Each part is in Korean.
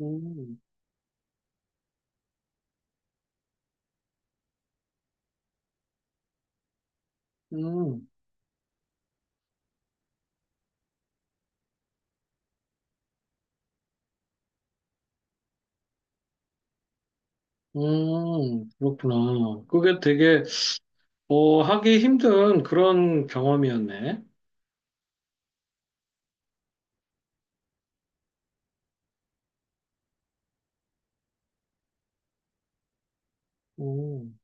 음. 음. 음. 그렇구나. 그게 되게, 하기 힘든 그런 경험이었네. 음.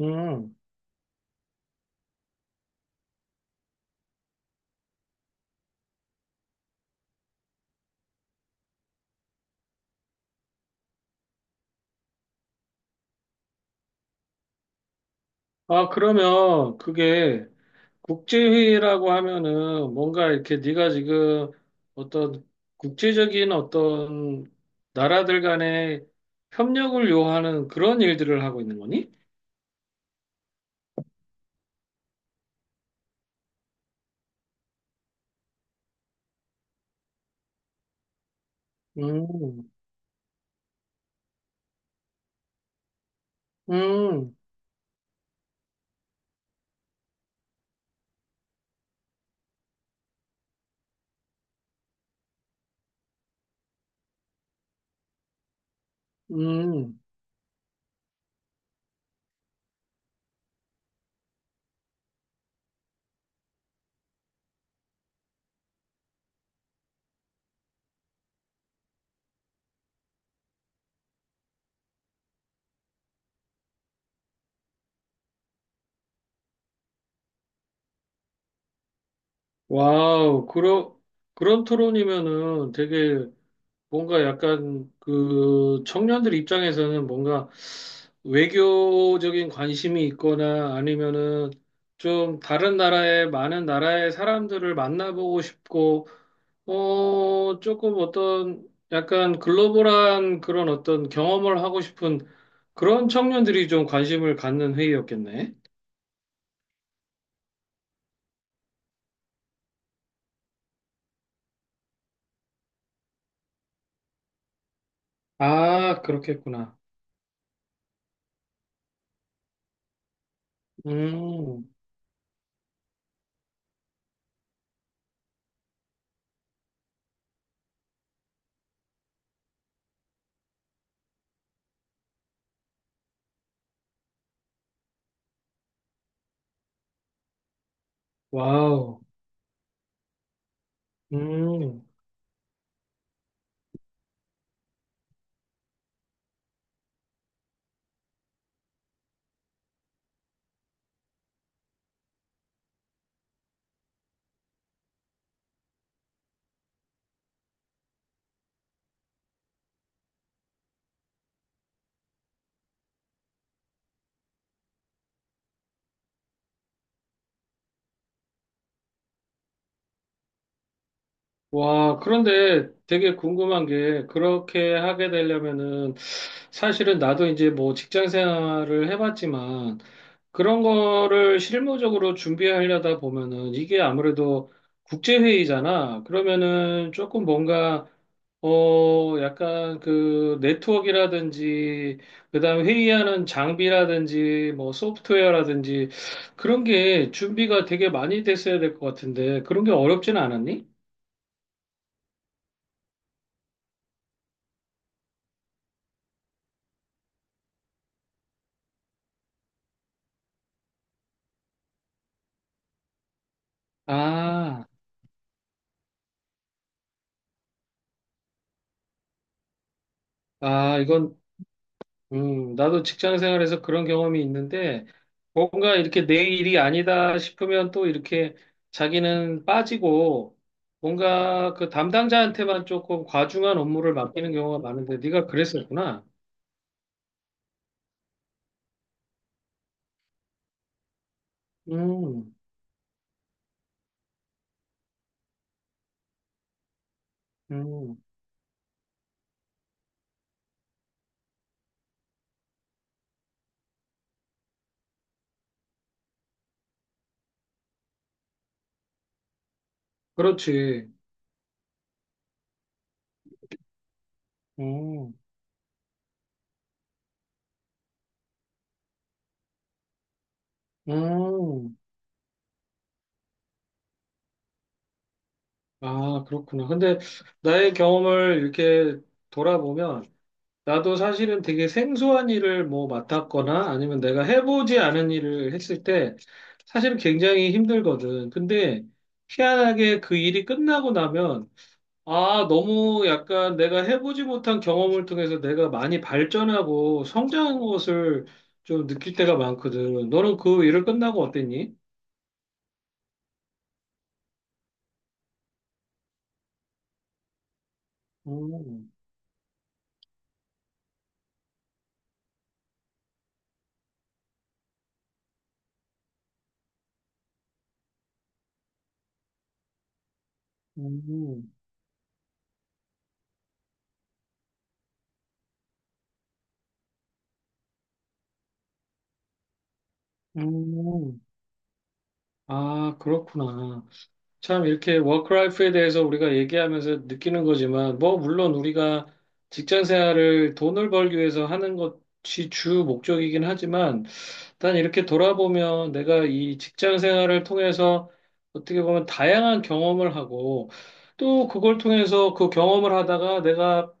음. 아, 그러면 그게 국제회의라고 하면은 뭔가 이렇게 네가 지금 어떤 국제적인 어떤 나라들 간의 협력을 요하는 그런 일들을 하고 있는 거니? 음. 음. 음. 와우, 그런 토론이면은 되게 뭔가 약간 그 청년들 입장에서는 뭔가 외교적인 관심이 있거나 아니면은 좀 다른 나라의 많은 나라의 사람들을 만나보고 싶고 조금 어떤 약간 글로벌한 그런 어떤 경험을 하고 싶은 그런 청년들이 좀 관심을 갖는 회의였겠네. 아, 그렇겠구나. 음. 와우. 음. 와, 그런데 되게 궁금한 게, 그렇게 하게 되려면은, 사실은 나도 이제 뭐 직장 생활을 해봤지만, 그런 거를 실무적으로 준비하려다 보면은, 이게 아무래도 국제회의잖아. 그러면은 조금 뭔가, 약간 그 네트워크라든지, 그다음 회의하는 장비라든지, 뭐 소프트웨어라든지, 그런 게 준비가 되게 많이 됐어야 될 것 같은데, 그런 게 어렵진 않았니? 아. 아, 이건, 나도 직장 생활에서 그런 경험이 있는데, 뭔가 이렇게 내 일이 아니다 싶으면 또 이렇게 자기는 빠지고, 뭔가 그 담당자한테만 조금 과중한 업무를 맡기는 경우가 많은데, 네가 그랬었구나. 음. 음. 그렇지. 음. 음. 아, 그렇구나. 근데 나의 경험을 이렇게 돌아보면, 나도 사실은 되게 생소한 일을 뭐 맡았거나 아니면 내가 해보지 않은 일을 했을 때 사실 굉장히 힘들거든. 근데 희한하게 그 일이 끝나고 나면 아, 너무 약간 내가 해보지 못한 경험을 통해서 내가 많이 발전하고 성장한 것을 좀 느낄 때가 많거든. 너는 그 일을 끝나고 어땠니? 음. 음. 음. 아, 그렇구나. 참 이렇게 워크라이프에 대해서 우리가 얘기하면서 느끼는 거지만 뭐 물론 우리가 직장 생활을 돈을 벌기 위해서 하는 것이 주 목적이긴 하지만 난 이렇게 돌아보면 내가 이 직장 생활을 통해서 어떻게 보면 다양한 경험을 하고 또 그걸 통해서 그 경험을 하다가 내가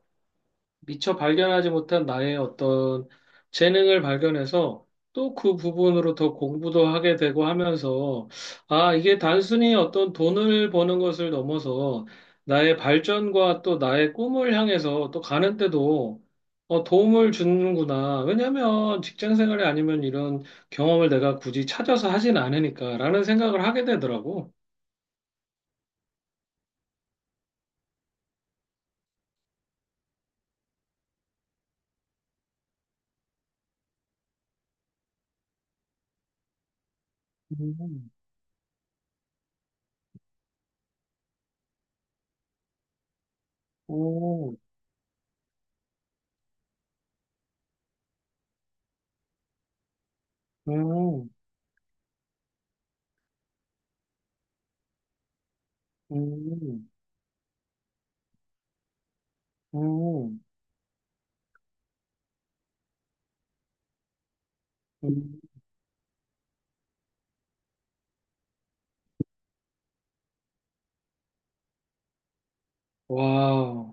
미처 발견하지 못한 나의 어떤 재능을 발견해서 또 그 부분으로 더 공부도 하게 되고 하면서 아, 이게 단순히 어떤 돈을 버는 것을 넘어서 나의 발전과 또 나의 꿈을 향해서 또 가는 때도 도움을 주는구나. 왜냐면 직장 생활이 아니면 이런 경험을 내가 굳이 찾아서 하진 않으니까라는 생각을 하게 되더라고. 음. 오. 음. 음. 음. 음. 와.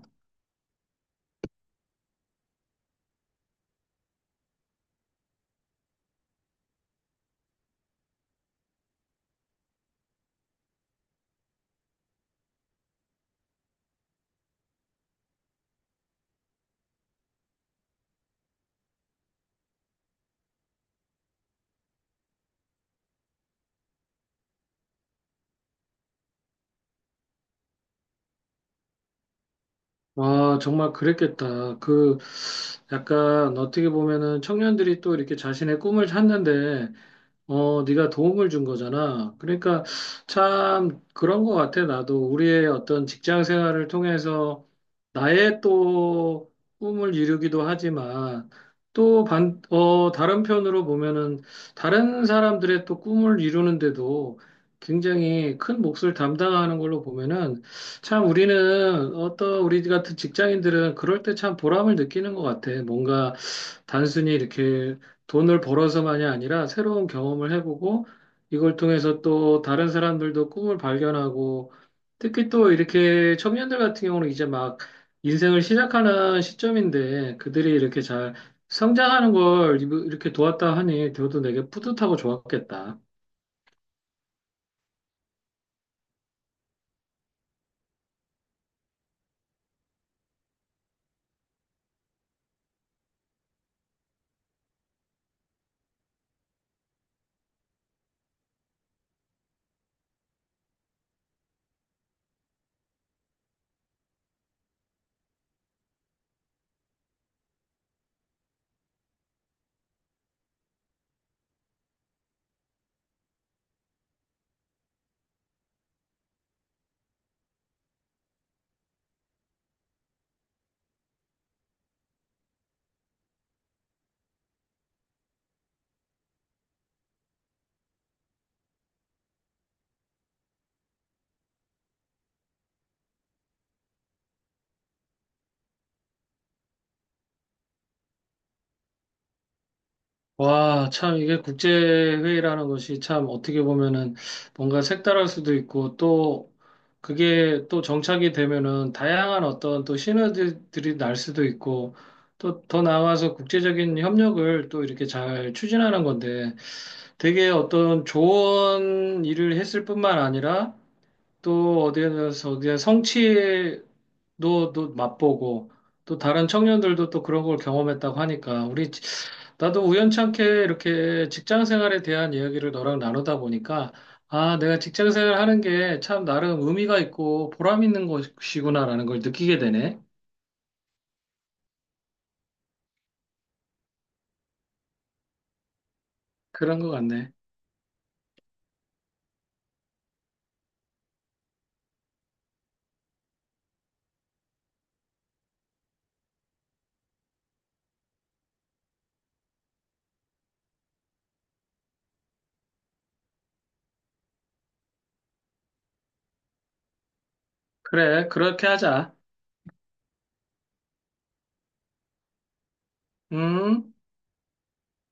아, 정말 그랬겠다. 약간 어떻게 보면은 청년들이 또 이렇게 자신의 꿈을 찾는데 네가 도움을 준 거잖아. 그러니까 참 그런 거 같아. 나도 우리의 어떤 직장 생활을 통해서 나의 또 꿈을 이루기도 하지만 또 다른 편으로 보면은 다른 사람들의 또 꿈을 이루는데도 굉장히 큰 몫을 담당하는 걸로 보면은 참 우리는 어떤 우리 같은 직장인들은 그럴 때 참 보람을 느끼는 것 같아. 뭔가 단순히 이렇게 돈을 벌어서만이 아니라 새로운 경험을 해보고 이걸 통해서 또 다른 사람들도 꿈을 발견하고 특히 또 이렇게 청년들 같은 경우는 이제 막 인생을 시작하는 시점인데 그들이 이렇게 잘 성장하는 걸 이렇게 도왔다 하니 저도 되게 뿌듯하고 좋았겠다. 와, 참, 이게 국제회의라는 것이 참 어떻게 보면은 뭔가 색다를 수도 있고 또 그게 또 정착이 되면은 다양한 어떤 또 시너지들이 날 수도 있고 또 더 나아가서 국제적인 협력을 또 이렇게 잘 추진하는 건데 되게 어떤 좋은 일을 했을 뿐만 아니라 또 어디에서 어디에 성취도 또 맛보고 또 다른 청년들도 또 그런 걸 경험했다고 하니까 우리 나도 우연찮게 이렇게 직장 생활에 대한 이야기를 너랑 나누다 보니까, 아, 내가 직장 생활 하는 게 참 나름 의미가 있고 보람 있는 것이구나라는 걸 느끼게 되네. 그런 것 같네. 그래, 그렇게 하자. 음.